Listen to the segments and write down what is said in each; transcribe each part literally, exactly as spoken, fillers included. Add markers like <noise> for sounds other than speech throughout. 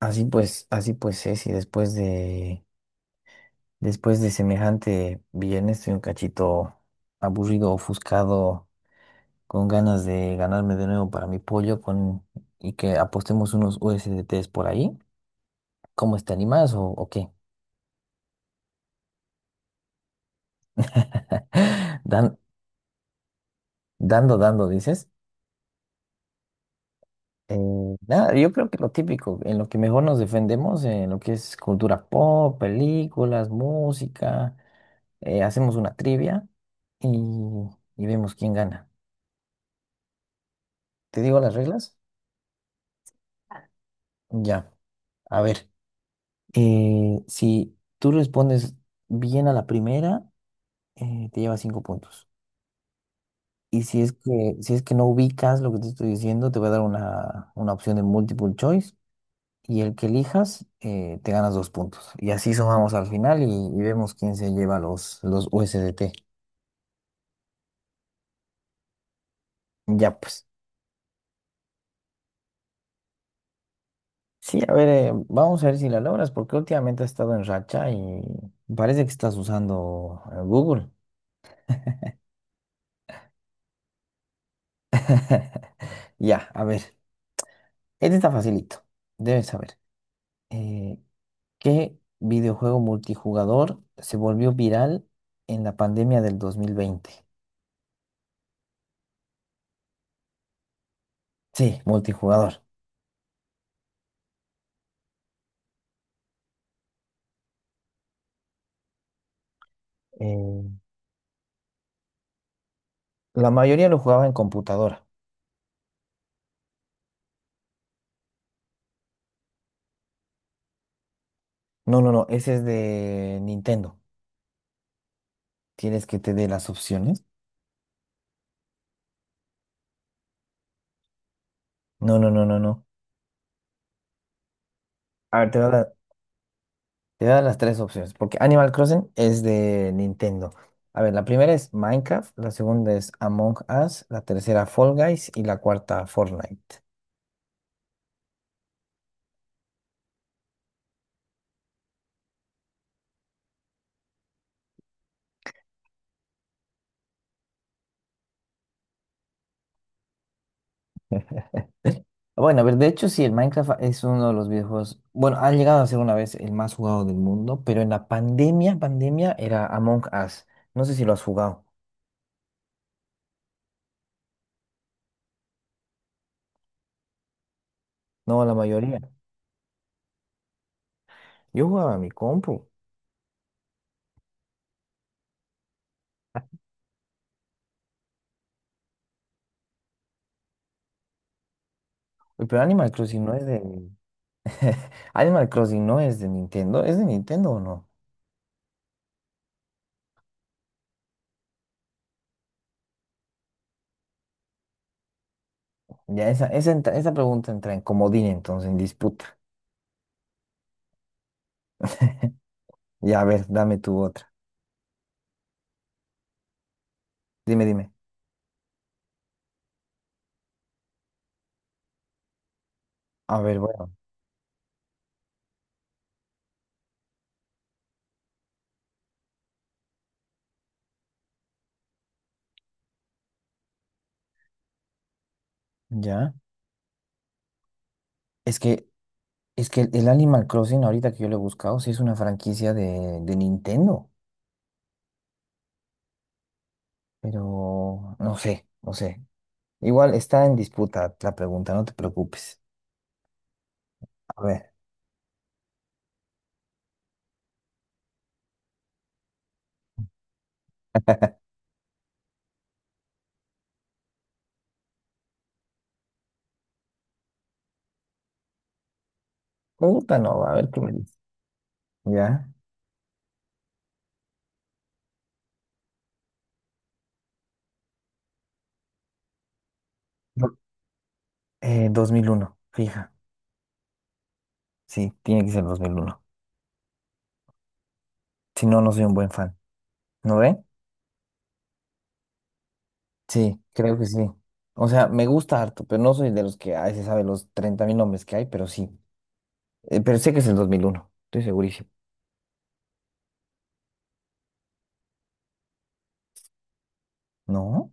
Así pues, así pues es, y después de, después de semejante viernes estoy un cachito aburrido, ofuscado, con ganas de ganarme de nuevo para mi pollo con, y que apostemos unos U S D Ts por ahí. ¿Cómo te animas o, o qué? <laughs> Dan- dando, dando, dices. Eh, nada, yo creo que lo típico, en lo que mejor nos defendemos, en lo que es cultura pop, películas, música, eh, hacemos una trivia y, y vemos quién gana. ¿Te digo las reglas? Ya. A ver, eh, si tú respondes bien a la primera, eh, te llevas cinco puntos. Y si es que, si es que no ubicas lo que te estoy diciendo, te voy a dar una, una opción de multiple choice. Y el que elijas, eh, te ganas dos puntos. Y así sumamos al final y, y vemos quién se lleva los, los U S D T. Ya pues. Sí, a ver, eh, vamos a ver si la logras, porque últimamente has estado en racha y parece que estás usando eh, Google. <laughs> Ya, a ver. Este está facilito, debes saber. Eh, ¿qué videojuego multijugador se volvió viral en la pandemia del dos mil veinte? Sí, multijugador. Eh, la mayoría lo jugaba en computadora. No, no, no, ese es de Nintendo. ¿Quieres que te dé las opciones? No, no, no, no, no. A ver, te voy a dar, te voy a dar las tres opciones, porque Animal Crossing es de Nintendo. A ver, la primera es Minecraft, la segunda es Among Us, la tercera Fall Guys y la cuarta Fortnite. Bueno, a ver, de hecho sí, el Minecraft es uno de los videojuegos, bueno, ha llegado a ser una vez el más jugado del mundo, pero en la pandemia, pandemia era Among Us. No sé si lo has jugado, no, la mayoría. Yo jugaba a mi compu. Uy, pero Animal Crossing no es de— <laughs> Animal Crossing no es de Nintendo. ¿Es de Nintendo o no? Ya, esa, esa, entra- esa pregunta entra en comodín entonces, en disputa. Ya, a ver, dame tu otra. Dime, dime. A ver, bueno, ya. Es que, es que el Animal Crossing, ahorita que yo lo he buscado, sí es una franquicia de, de Nintendo. Pero no sé, no sé. Igual está en disputa la pregunta, no te preocupes. A ver, pregunta no, a ver qué me dices. ¿Ya? Do- eh, dos mil uno fija. Sí, tiene que ser dos mil uno. Si no, no soy un buen fan. ¿No ve? Sí, creo que sí. O sea, me gusta harto, pero no soy de los que, ay, se sabe los treinta mil nombres que hay, pero sí. Eh, pero sé que es el dos mil uno, estoy segurísimo. ¿No?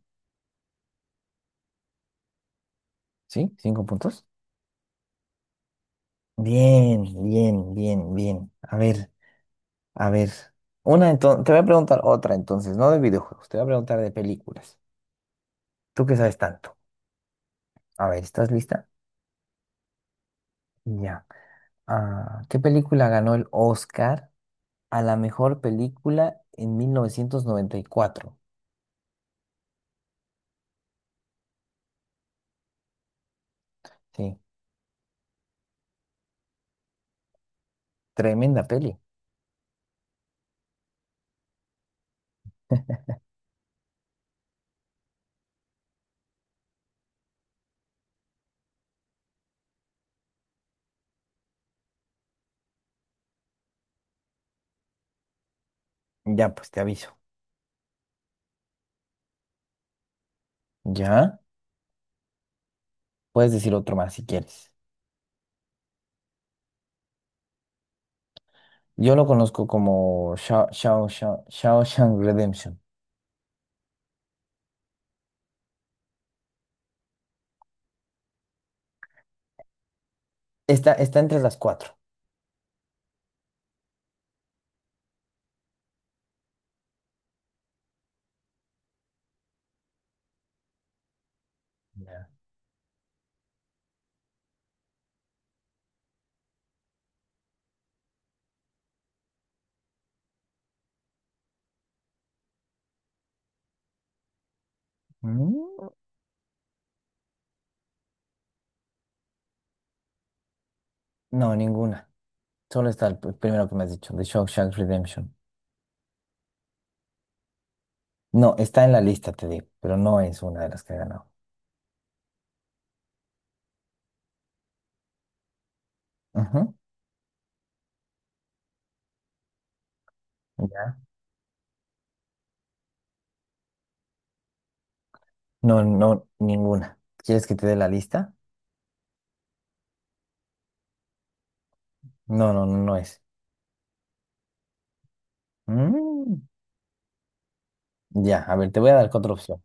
¿Sí? ¿Cinco puntos? Bien, bien, bien, bien. A ver, A ver, una entonces, te voy a preguntar otra entonces, no de videojuegos, te voy a preguntar de películas. Tú que sabes tanto. A ver, ¿estás lista? Ya. Ah, ¿qué película ganó el Oscar a la mejor película en mil novecientos noventa y cuatro? Sí, tremenda peli. Ya, pues te aviso. Ya, puedes decir otro más si quieres. Yo lo conozco como Shao- Shao- Shao- Shawshank Redemption. Está, está entre las cuatro. Ya. Mm, No, ninguna. Solo está el pr- primero que me has dicho, The Shawshank Redemption. No, está en la lista, te digo, pero no es una de las que he ganado. Ujú. Ya. No, no, ninguna. ¿Quieres que te dé la lista? No, no, no, no es. Mm, Ya, a ver, te voy a dar otra opción.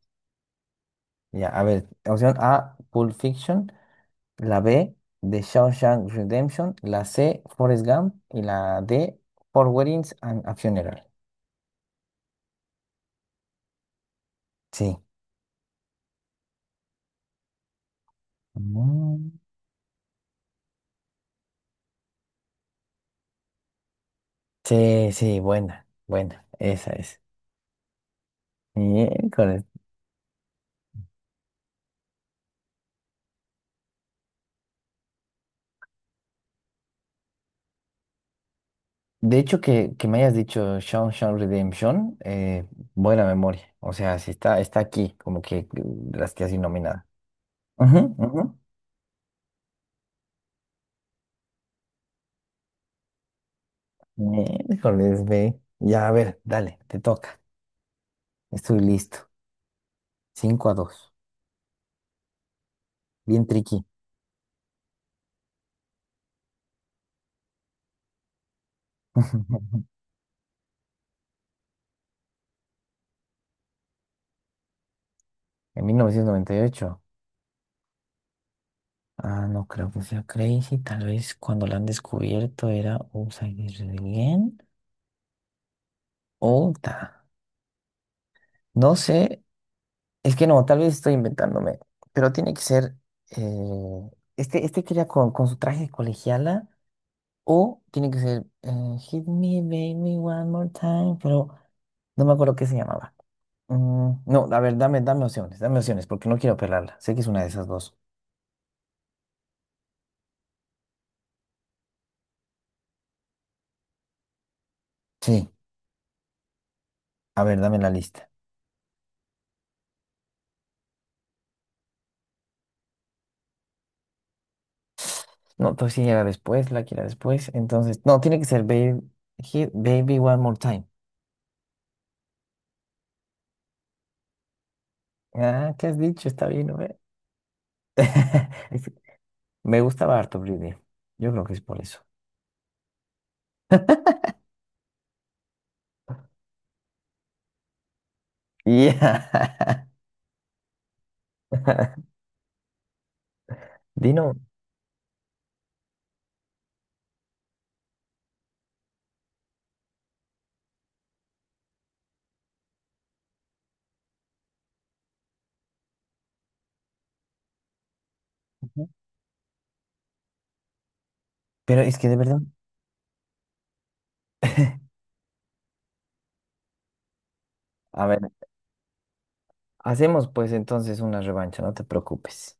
Ya, a ver, opción A, Pulp Fiction, la B, The Shawshank Redemption, la C, Forrest Gump y la D, Four Weddings and a Funeral. Sí. Mm. Sí, sí, buena, buena, esa es. Bien. De hecho, que, que me hayas dicho Sean Sean Redemption, eh, buena memoria. O sea, sí está, está aquí, como que mm, las que así nominada. Ujú, ujú. Miércoles, ve. Ya, a ver, dale, te toca. Estoy listo. Cinco a dos. Bien tricky. <laughs> En mil novecientos noventa y ocho. Ah, no creo que sea Crazy. Tal vez cuando la han descubierto era Upside Down Again. O ta. No sé. Es que no, tal vez estoy inventándome, pero tiene que ser, eh, este, este que era con, con su traje de colegiala, o tiene que ser eh, Hit Me Baby One More Time, pero no me acuerdo qué se llamaba. Mm, no, a ver, dame, dame opciones, dame opciones, porque no quiero pelarla. Sé que es una de esas dos. Sí, a ver, dame la lista. No, pues sí, era después, la que era después. Entonces, no, tiene que ser Baby, Hit Baby One More Time. Ah, ¿qué has dicho? Está bien, ¿no? <laughs> Me gustaba harto Britney. Yo creo que es por eso. <laughs> Ya. <laughs> Dino, ujú, pero es que de verdad. A ver, hacemos pues entonces una revancha, no te preocupes.